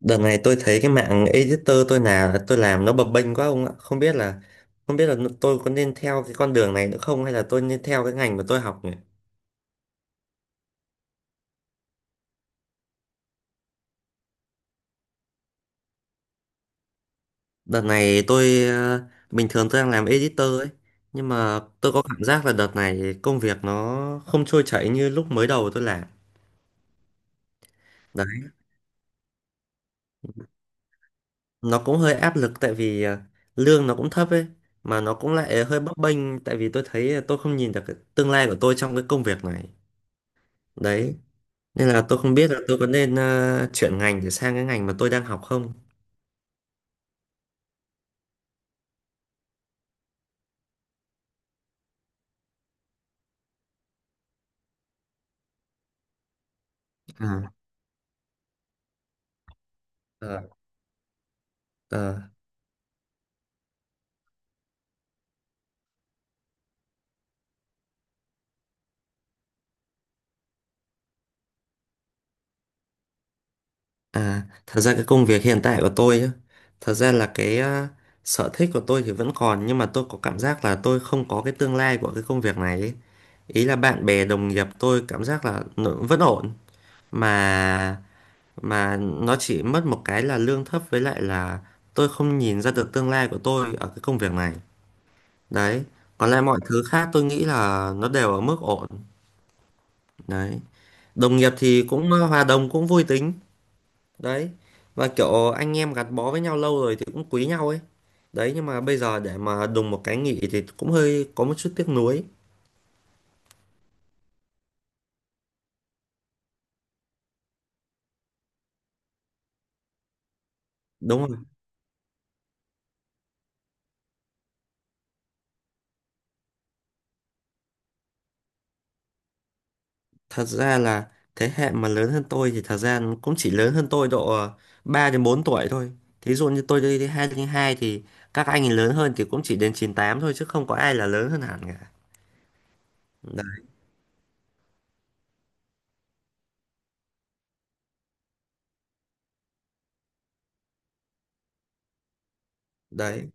Đợt này tôi thấy cái mạng editor tôi nào tôi làm nó bập bênh quá ông ạ. Không biết là tôi có nên theo cái con đường này nữa không, hay là tôi nên theo cái ngành mà tôi học nhỉ? Đợt này tôi, bình thường tôi đang làm editor ấy, nhưng mà tôi có cảm giác là đợt này công việc nó không trôi chảy như lúc mới đầu tôi làm. Đấy, nó cũng hơi áp lực tại vì lương nó cũng thấp ấy, mà nó cũng lại hơi bấp bênh tại vì tôi thấy tôi không nhìn được cái tương lai của tôi trong cái công việc này. Đấy, nên là tôi không biết là tôi có nên chuyển ngành để sang cái ngành mà tôi đang học không. À. Ờ. ờ, À, thật ra cái công việc hiện tại của tôi á, thật ra là cái sở thích của tôi thì vẫn còn, nhưng mà tôi có cảm giác là tôi không có cái tương lai của cái công việc này ấy. Ý là bạn bè đồng nghiệp tôi cảm giác là nó vẫn ổn, mà mà nó chỉ mất một cái là lương thấp, với lại là tôi không nhìn ra được tương lai của tôi ở cái công việc này. Đấy, còn lại mọi thứ khác tôi nghĩ là nó đều ở mức ổn. Đấy. Đồng nghiệp thì cũng hòa đồng, cũng vui tính đấy, và kiểu anh em gắn bó với nhau lâu rồi thì cũng quý nhau ấy. Đấy, nhưng mà bây giờ để mà đùng một cái nghỉ thì cũng hơi có một chút tiếc nuối. Đúng rồi, thật ra là thế hệ mà lớn hơn tôi thì thật ra nó cũng chỉ lớn hơn tôi độ 3 đến 4 tuổi thôi. Thí dụ như tôi đi 2 đến 2 thì các anh ấy lớn hơn thì cũng chỉ đến 98 thôi, chứ không có ai là lớn hơn hẳn cả. Đấy, đấy.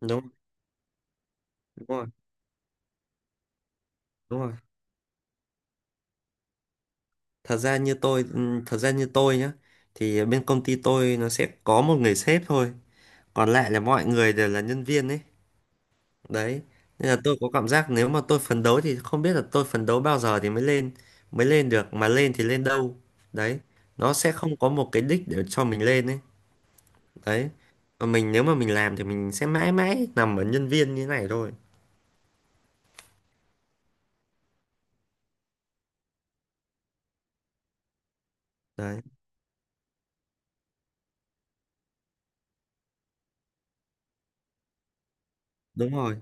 Đúng. Đúng rồi. Đúng rồi. Thật ra như tôi, thật ra như tôi nhá, thì bên công ty tôi nó sẽ có một người sếp thôi, còn lại là mọi người đều là nhân viên ấy. Đấy, nên là tôi có cảm giác nếu mà tôi phấn đấu thì không biết là tôi phấn đấu bao giờ thì mới lên, mới lên được, mà lên thì lên đâu. Đấy, nó sẽ không có một cái đích để cho mình lên ấy. Đấy, còn mình nếu mà mình làm thì mình sẽ mãi mãi nằm ở nhân viên như này thôi. Đấy. Đúng rồi.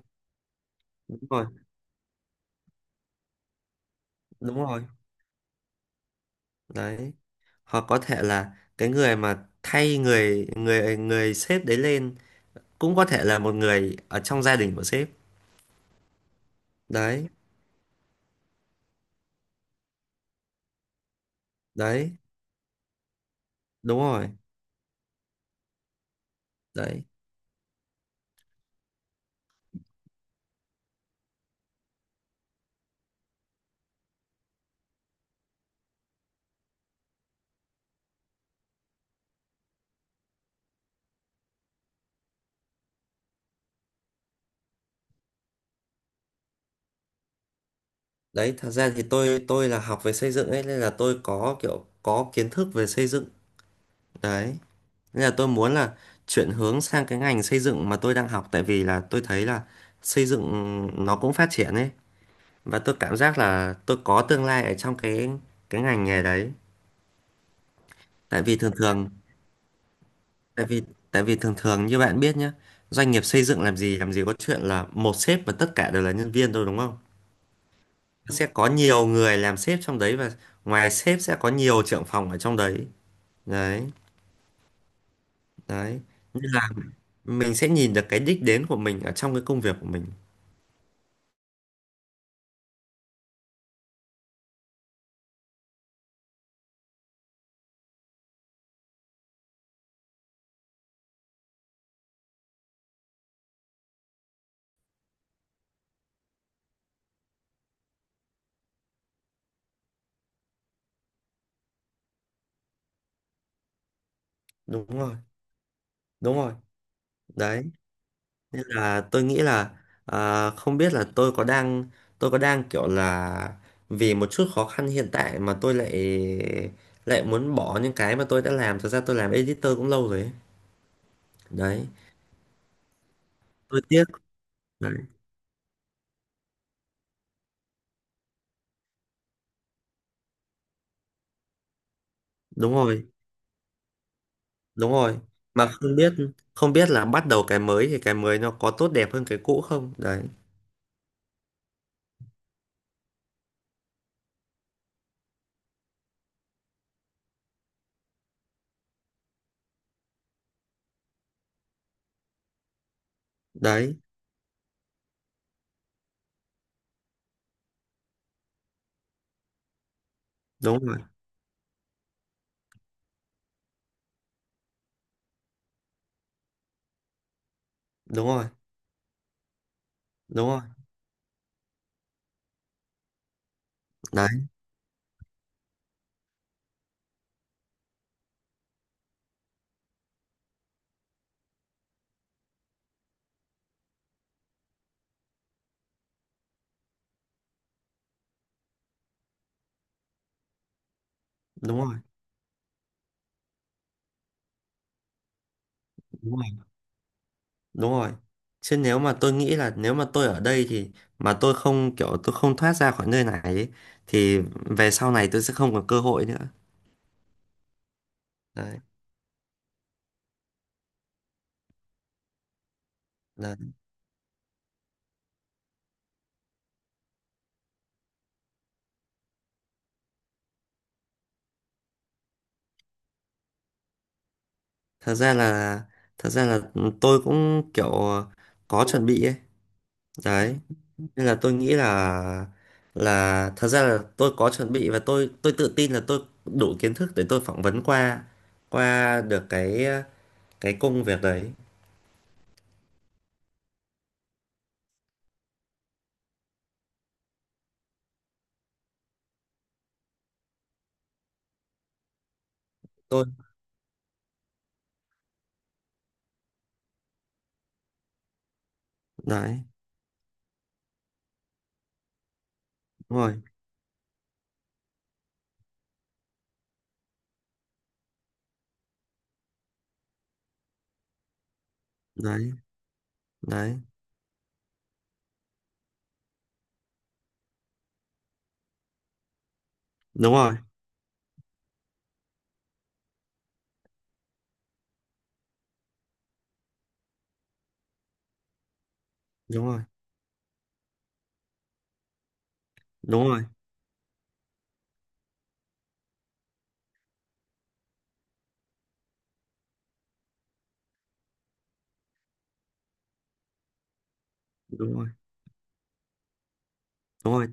Đúng rồi. Đúng rồi. Đấy, hoặc có thể là cái người mà thay người người người sếp đấy lên cũng có thể là một người ở trong gia đình của sếp. Đấy. Đấy. Đúng rồi. Đấy. Đấy thật ra thì tôi là học về xây dựng ấy, nên là tôi có kiểu có kiến thức về xây dựng. Đấy, nên là tôi muốn là chuyển hướng sang cái ngành xây dựng mà tôi đang học, tại vì là tôi thấy là xây dựng nó cũng phát triển ấy, và tôi cảm giác là tôi có tương lai ở trong cái ngành nghề đấy. Tại vì thường thường, tại vì tại vì thường thường như bạn biết nhé, doanh nghiệp xây dựng làm gì, làm gì có chuyện là một sếp và tất cả đều là nhân viên thôi, đúng không. Sẽ có nhiều người làm sếp trong đấy, và ngoài sếp sẽ có nhiều trưởng phòng ở trong đấy. Đấy. Đấy, như là mình sẽ nhìn được cái đích đến của mình ở trong cái công việc của mình. Đúng rồi. Đúng rồi. Đấy, là tôi nghĩ là, à, không biết là tôi có đang, tôi có đang kiểu là vì một chút khó khăn hiện tại mà tôi lại, lại muốn bỏ những cái mà tôi đã làm. Thật ra tôi làm editor cũng lâu rồi ấy. Đấy, tôi tiếc. Đấy. Đúng rồi. Đúng rồi, mà không biết, không biết là bắt đầu cái mới thì cái mới nó có tốt đẹp hơn cái cũ không đấy. Đấy. Đúng rồi. Đúng rồi. Đúng rồi. Đấy. Đúng rồi. Đúng rồi. Đúng rồi. Chứ nếu mà tôi nghĩ là nếu mà tôi ở đây thì mà tôi không kiểu, tôi không thoát ra khỏi nơi này ấy, thì về sau này tôi sẽ không còn cơ hội nữa. Đấy, đấy. Thật ra là, thật ra là tôi cũng kiểu có chuẩn bị ấy. Đấy, nên là tôi nghĩ là thật ra là tôi có chuẩn bị và tôi tự tin là tôi đủ kiến thức để tôi phỏng vấn qua, qua được cái công việc đấy. Tôi. Đấy, đúng rồi. Đấy, đấy. Đúng rồi, đúng rồi. Đúng rồi. Đúng rồi. Đúng rồi,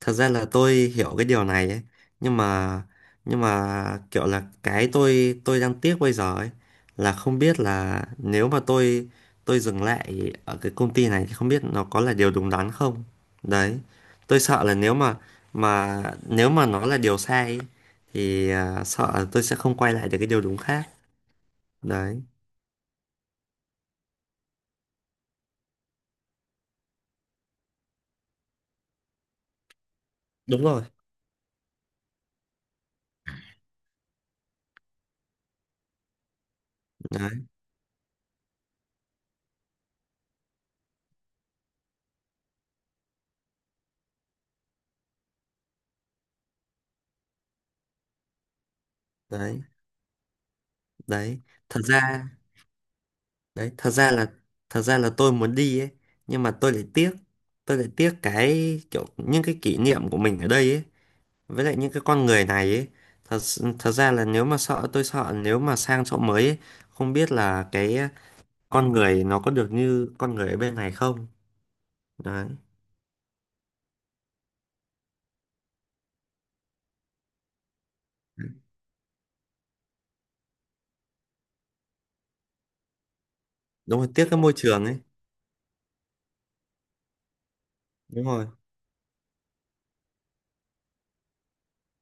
thật ra là tôi hiểu cái điều này ấy, nhưng mà, nhưng mà kiểu là cái tôi đang tiếc bây giờ ấy, là không biết là nếu mà tôi dừng lại ở cái công ty này thì không biết nó có là điều đúng đắn không. Đấy, tôi sợ là nếu mà nếu mà nó là điều sai ấy, thì sợ là tôi sẽ không quay lại được cái điều đúng khác. Đấy. Đúng rồi. Đấy. Đấy. Đấy thật ra, đấy thật ra là, thật ra là tôi muốn đi ấy, nhưng mà tôi lại tiếc, tôi lại tiếc cái kiểu những cái kỷ niệm của mình ở đây ấy, với lại những cái con người này ấy. Thật ra là nếu mà sợ, tôi sợ nếu mà sang chỗ mới ấy, không biết là cái con người nó có được như con người ở bên này không. Đấy. Đúng rồi, tiếc cái môi trường ấy. Đúng rồi.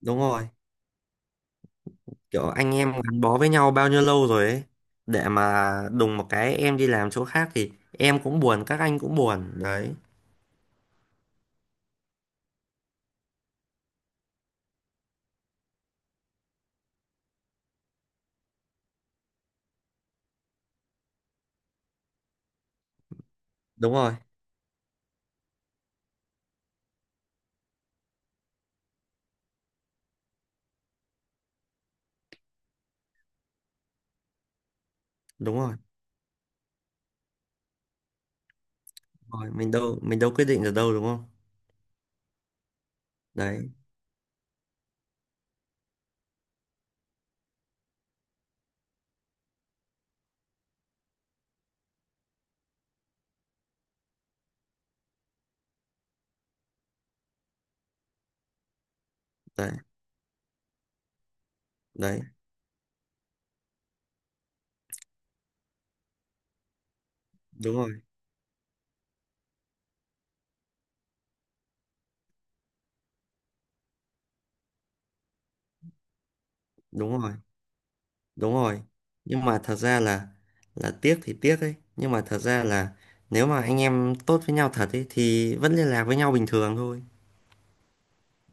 Đúng rồi. Kiểu anh em gắn bó với nhau bao nhiêu lâu rồi ấy, để mà đùng một cái em đi làm chỗ khác thì em cũng buồn, các anh cũng buồn đấy. Đúng rồi. Đúng rồi. Rồi mình đâu quyết định được đâu, đúng không. Đấy. Đấy. Đấy. Đúng rồi. Đúng rồi. Đúng rồi, nhưng mà thật ra là tiếc thì tiếc ấy, nhưng mà thật ra là nếu mà anh em tốt với nhau thật ấy thì vẫn liên lạc với nhau bình thường thôi.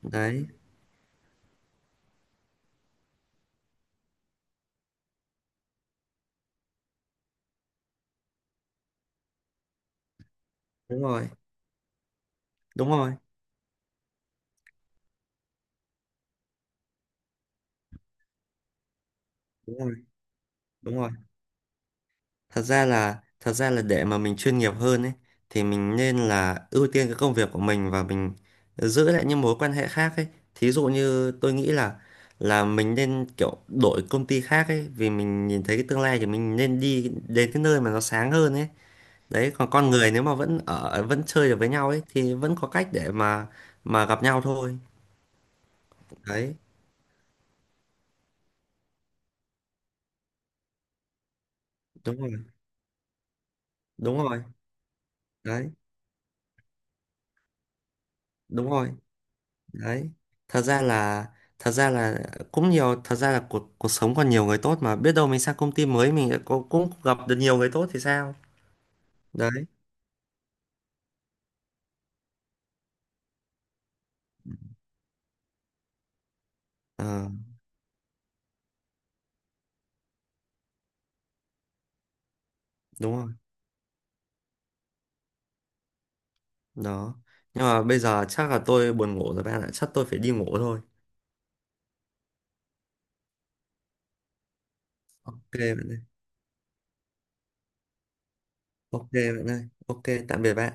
Đấy. Đúng rồi. Đúng rồi. Đúng rồi. Đúng rồi. Thật ra là, thật ra là để mà mình chuyên nghiệp hơn ấy, thì mình nên là ưu tiên cái công việc của mình và mình giữ lại những mối quan hệ khác ấy. Thí dụ như tôi nghĩ là mình nên kiểu đổi công ty khác ấy, vì mình nhìn thấy cái tương lai thì mình nên đi đến cái nơi mà nó sáng hơn ấy. Đấy, còn con người nếu mà vẫn ở, vẫn chơi được với nhau ấy thì vẫn có cách để mà gặp nhau thôi. Đấy. Đúng rồi. Đúng rồi. Đấy. Đúng rồi. Đấy. Thật ra là, thật ra là cũng nhiều. Thật ra là cuộc, cuộc sống còn nhiều người tốt, mà biết đâu mình sang công ty mới mình lại cũng gặp được nhiều người tốt thì sao. Đấy. Ờ. Đúng rồi đó. Nhưng mà bây giờ chắc là tôi buồn ngủ rồi bạn ạ, chắc tôi phải đi ngủ thôi. Ok bạn ơi. Ok bạn ơi, ok. Tạm biệt bạn.